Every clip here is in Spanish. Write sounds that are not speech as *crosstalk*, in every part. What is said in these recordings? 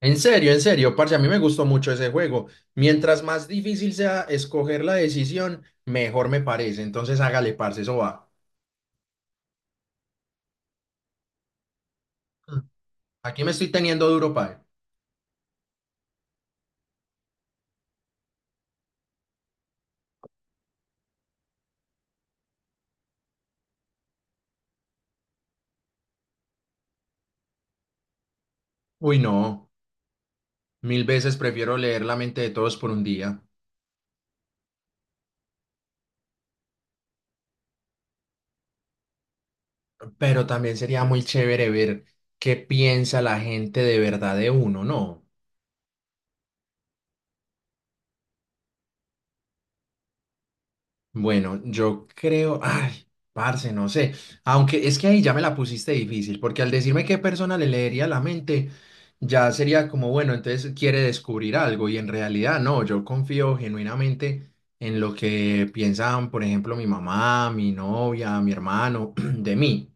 En serio, parce, a mí me gustó mucho ese juego. Mientras más difícil sea escoger la decisión, mejor me parece. Entonces hágale, parce, eso va. Mm. Aquí me estoy teniendo duro, padre. Uy, no, mil veces prefiero leer la mente de todos por un día. Pero también sería muy chévere ver qué piensa la gente de verdad de uno, ¿no? Bueno, yo creo, ay, parce, no sé, aunque es que ahí ya me la pusiste difícil, porque al decirme qué persona le leería la mente, ya sería como, bueno, entonces quiere descubrir algo y en realidad no, yo confío genuinamente en lo que piensan, por ejemplo, mi mamá, mi novia, mi hermano, *clears throat* de mí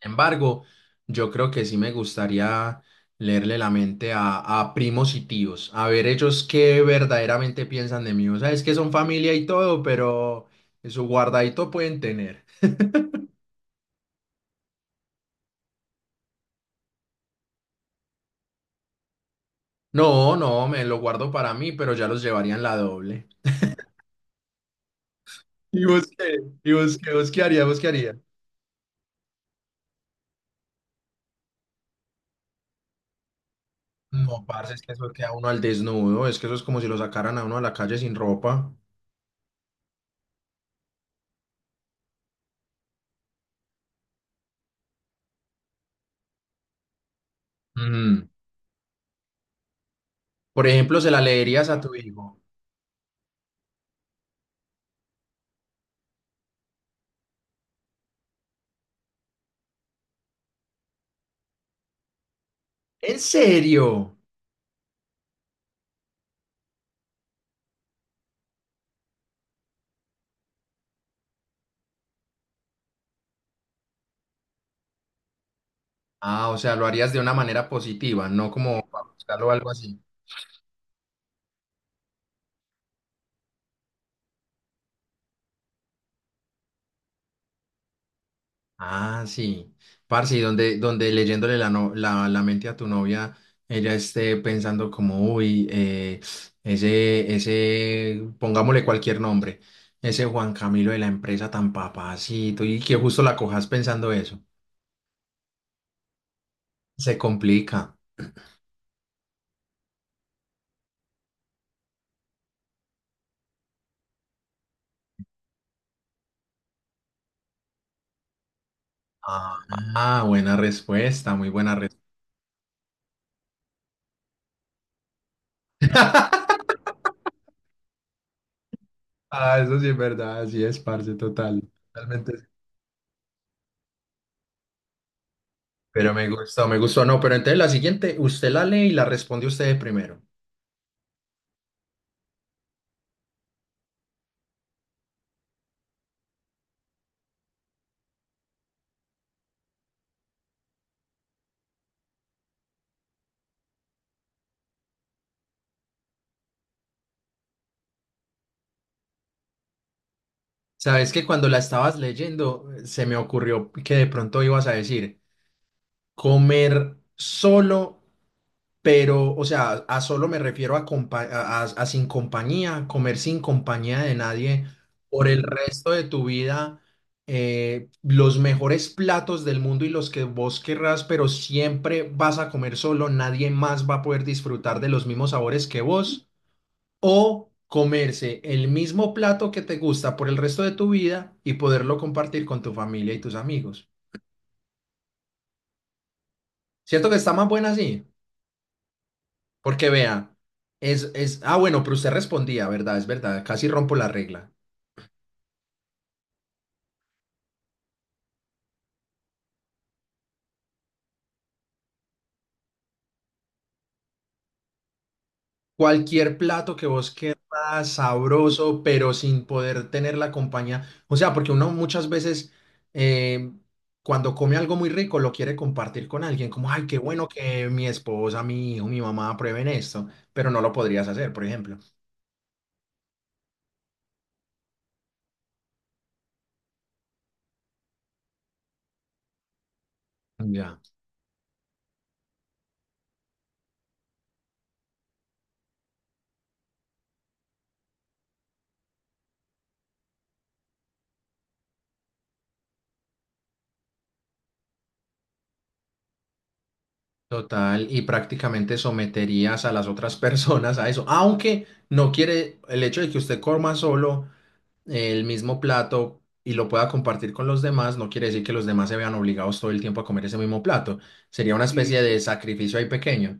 embargo, yo creo que sí me gustaría leerle la mente a primos y tíos, a ver ellos qué verdaderamente piensan de mí. O sea, es que son familia y todo, pero su guardadito pueden tener. No, no, me lo guardo para mí, pero ya los llevarían la doble. ¿Y vos qué? ¿Y vos qué? ¿Vos qué haría? ¿Vos qué haría? No, parce, es que eso queda uno al desnudo, es que eso es como si lo sacaran a uno a la calle sin ropa. Mm. Por ejemplo, se la leerías a tu hijo. ¿En serio? Ah, o sea, lo harías de una manera positiva, no como para buscarlo o algo así. Ah, sí. Parce, y donde leyéndole la, la mente a tu novia, ella esté pensando como, uy, ese, pongámosle cualquier nombre, ese Juan Camilo de la empresa tan papacito, y que justo la cojas pensando eso. Se complica. Ah, ah, buena respuesta, muy buena respuesta. *laughs* Ah, eso sí es verdad, así es, parce, total. Totalmente. Pero me gustó, me gustó. No, pero entonces la siguiente, usted la lee y la responde usted primero. Sabes que cuando la estabas leyendo, se me ocurrió que de pronto ibas a decir comer solo, pero, o sea, a solo me refiero a sin compañía, comer sin compañía de nadie por el resto de tu vida. Los mejores platos del mundo y los que vos querrás, pero siempre vas a comer solo, nadie más va a poder disfrutar de los mismos sabores que vos. O comerse el mismo plato que te gusta por el resto de tu vida y poderlo compartir con tu familia y tus amigos. ¿Cierto que está más buena así? Porque vea, bueno, pero usted respondía, ¿verdad? Es verdad, casi rompo la regla. Cualquier plato que vos quieras, sabroso, pero sin poder tener la compañía. O sea, porque uno muchas veces, eh, cuando come algo muy rico, lo quiere compartir con alguien, como, ay, qué bueno que mi esposa, mi hijo, mi mamá prueben esto, pero no lo podrías hacer, por ejemplo. Ya, total, y prácticamente someterías a las otras *laughs* personas a eso, aunque no quiere el hecho de que usted coma solo el mismo plato y lo pueda compartir con los demás, no quiere decir que los demás se vean obligados todo el tiempo a comer ese mismo plato. Sería una especie, sí, de sacrificio ahí pequeño.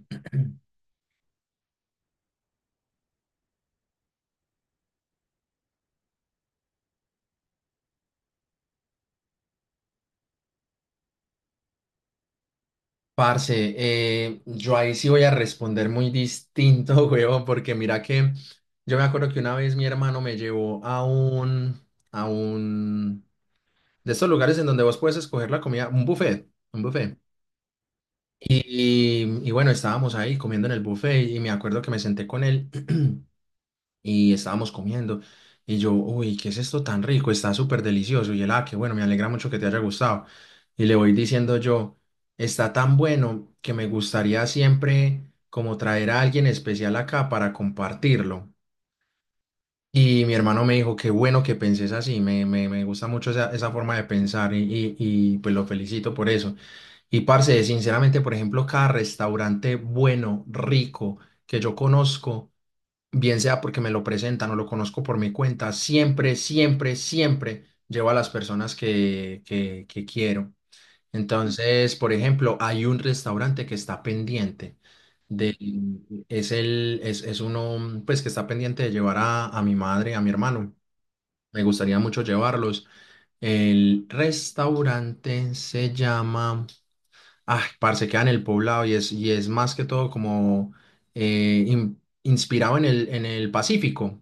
Parce, yo ahí sí voy a responder muy distinto, *laughs* huevón, porque mira que yo me acuerdo que una vez mi hermano me llevó a un, de estos lugares en donde vos puedes escoger la comida, un buffet, un buffet. Y bueno, estábamos ahí comiendo en el buffet y me acuerdo que me senté con él y estábamos comiendo. Y yo, uy, ¿qué es esto tan rico? Está súper delicioso. Y él, ah, qué bueno, me alegra mucho que te haya gustado. Y le voy diciendo yo, está tan bueno que me gustaría siempre como traer a alguien especial acá para compartirlo. Y mi hermano me dijo, qué bueno que penses así, me gusta mucho esa forma de pensar y pues lo felicito por eso. Y parce, sinceramente, por ejemplo, cada restaurante bueno, rico, que yo conozco, bien sea porque me lo presentan o lo conozco por mi cuenta, siempre, siempre, siempre llevo a las personas que quiero. Entonces, por ejemplo, hay un restaurante que está pendiente de, es el, es uno, pues, que está pendiente de llevar a, mi madre, a mi hermano. Me gustaría mucho llevarlos. El restaurante se llama... Ah, parce, queda en el poblado y es, más que todo como inspirado en el Pacífico.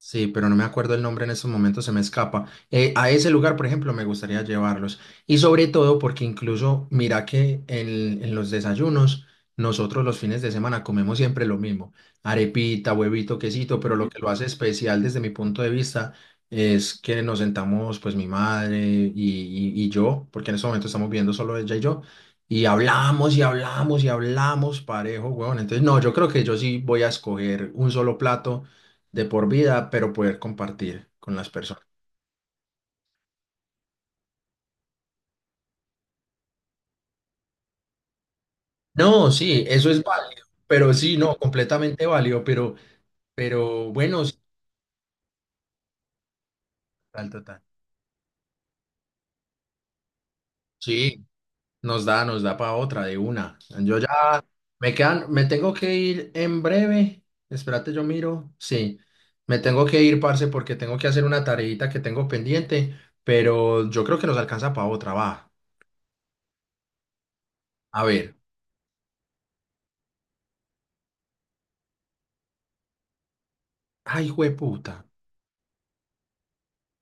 Sí, pero no me acuerdo el nombre en estos momentos, se me escapa. A ese lugar, por ejemplo, me gustaría llevarlos. Y sobre todo porque incluso, mira que en los desayunos, nosotros los fines de semana comemos siempre lo mismo, arepita, huevito, quesito, pero lo, ujú, que lo hace especial desde mi punto de vista es que nos sentamos, pues mi madre y yo, porque en este momento estamos viendo solo ella y yo, y hablamos y hablamos y hablamos parejo, huevón. Entonces, no, yo creo que yo sí voy a escoger un solo plato de por vida, pero poder compartir con las personas. No, sí, eso es válido, pero sí, no, completamente válido, pero bueno, sí, total, total. Sí, nos da para otra de una. Yo ya me quedan, me tengo que ir en breve. Espérate, yo miro. Sí, me tengo que ir, parce, porque tengo que hacer una tareita que tengo pendiente, pero yo creo que nos alcanza para otra, va. A ver. Ay, jueputa.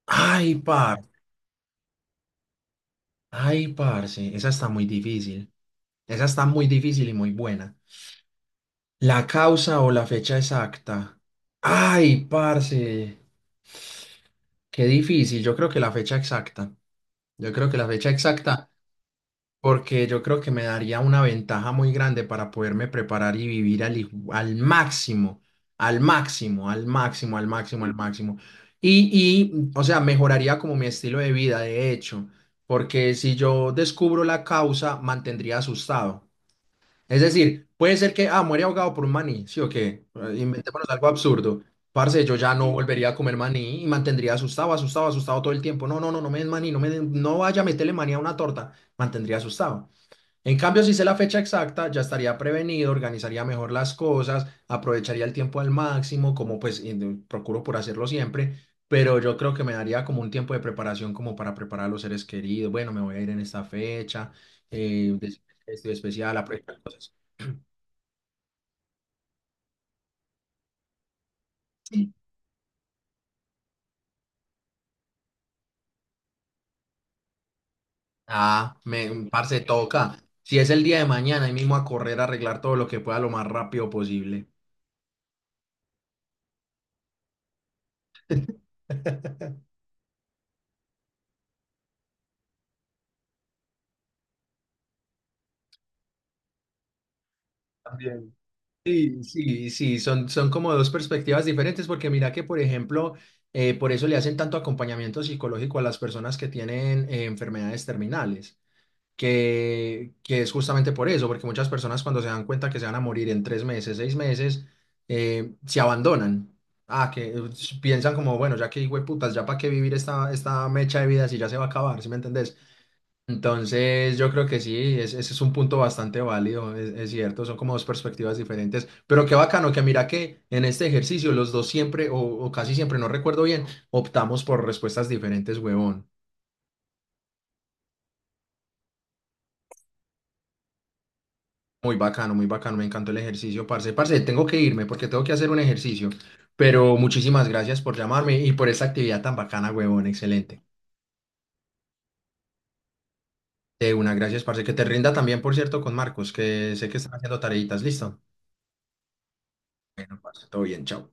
Ay, par. Ay, parce. Esa está muy difícil. Esa está muy difícil y muy buena. La causa o la fecha exacta. Ay, parce. Qué difícil. Yo creo que la fecha exacta. Yo creo que la fecha exacta, porque yo creo que me daría una ventaja muy grande para poderme preparar y vivir al máximo, al máximo, al máximo, al máximo, al máximo. Y, y, o sea, mejoraría como mi estilo de vida, de hecho, porque si yo descubro la causa, mantendría asustado. Es decir, puede ser que, ah, muere ahogado por un maní, sí o qué, inventémonos algo absurdo. Parce, yo ya no volvería a comer maní y mantendría asustado, asustado, asustado todo el tiempo. No, no, no, no me den maní, no vaya a meterle maní a una torta, mantendría asustado. En cambio, si sé la fecha exacta, ya estaría prevenido, organizaría mejor las cosas, aprovecharía el tiempo al máximo, como pues procuro por hacerlo siempre, pero yo creo que me daría como un tiempo de preparación como para preparar a los seres queridos. Bueno, me voy a ir en esta fecha, eh, de- estoy especial, aprovechar cosas. Ah, me, parce, toca. Si es el día de mañana, ahí mismo a correr, a arreglar todo lo que pueda lo más rápido posible. *laughs* También. Sí, sí, sí, son como dos perspectivas diferentes porque mira que, por ejemplo, por eso le hacen tanto acompañamiento psicológico a las personas que tienen enfermedades terminales. Que es justamente por eso, porque muchas personas cuando se dan cuenta que se van a morir en 3 meses, 6 meses, se abandonan. Ah, que piensan como, bueno, ya que putas, ya para qué vivir esta mecha de vida si ya se va a acabar, ¿sí me entendés? Entonces, yo creo que sí, ese es un punto bastante válido, es cierto, son como dos perspectivas diferentes, pero qué bacano que mira que en este ejercicio los dos siempre, o casi siempre, no recuerdo bien, optamos por respuestas diferentes, huevón. Muy bacano, me encantó el ejercicio, parce. Parce, tengo que irme porque tengo que hacer un ejercicio, pero muchísimas gracias por llamarme y por esta actividad tan bacana, huevón, excelente. De una, gracias, parce. Que te rinda también, por cierto, con Marcos, que sé que están haciendo tareitas. Listo. Parce, todo bien, chao.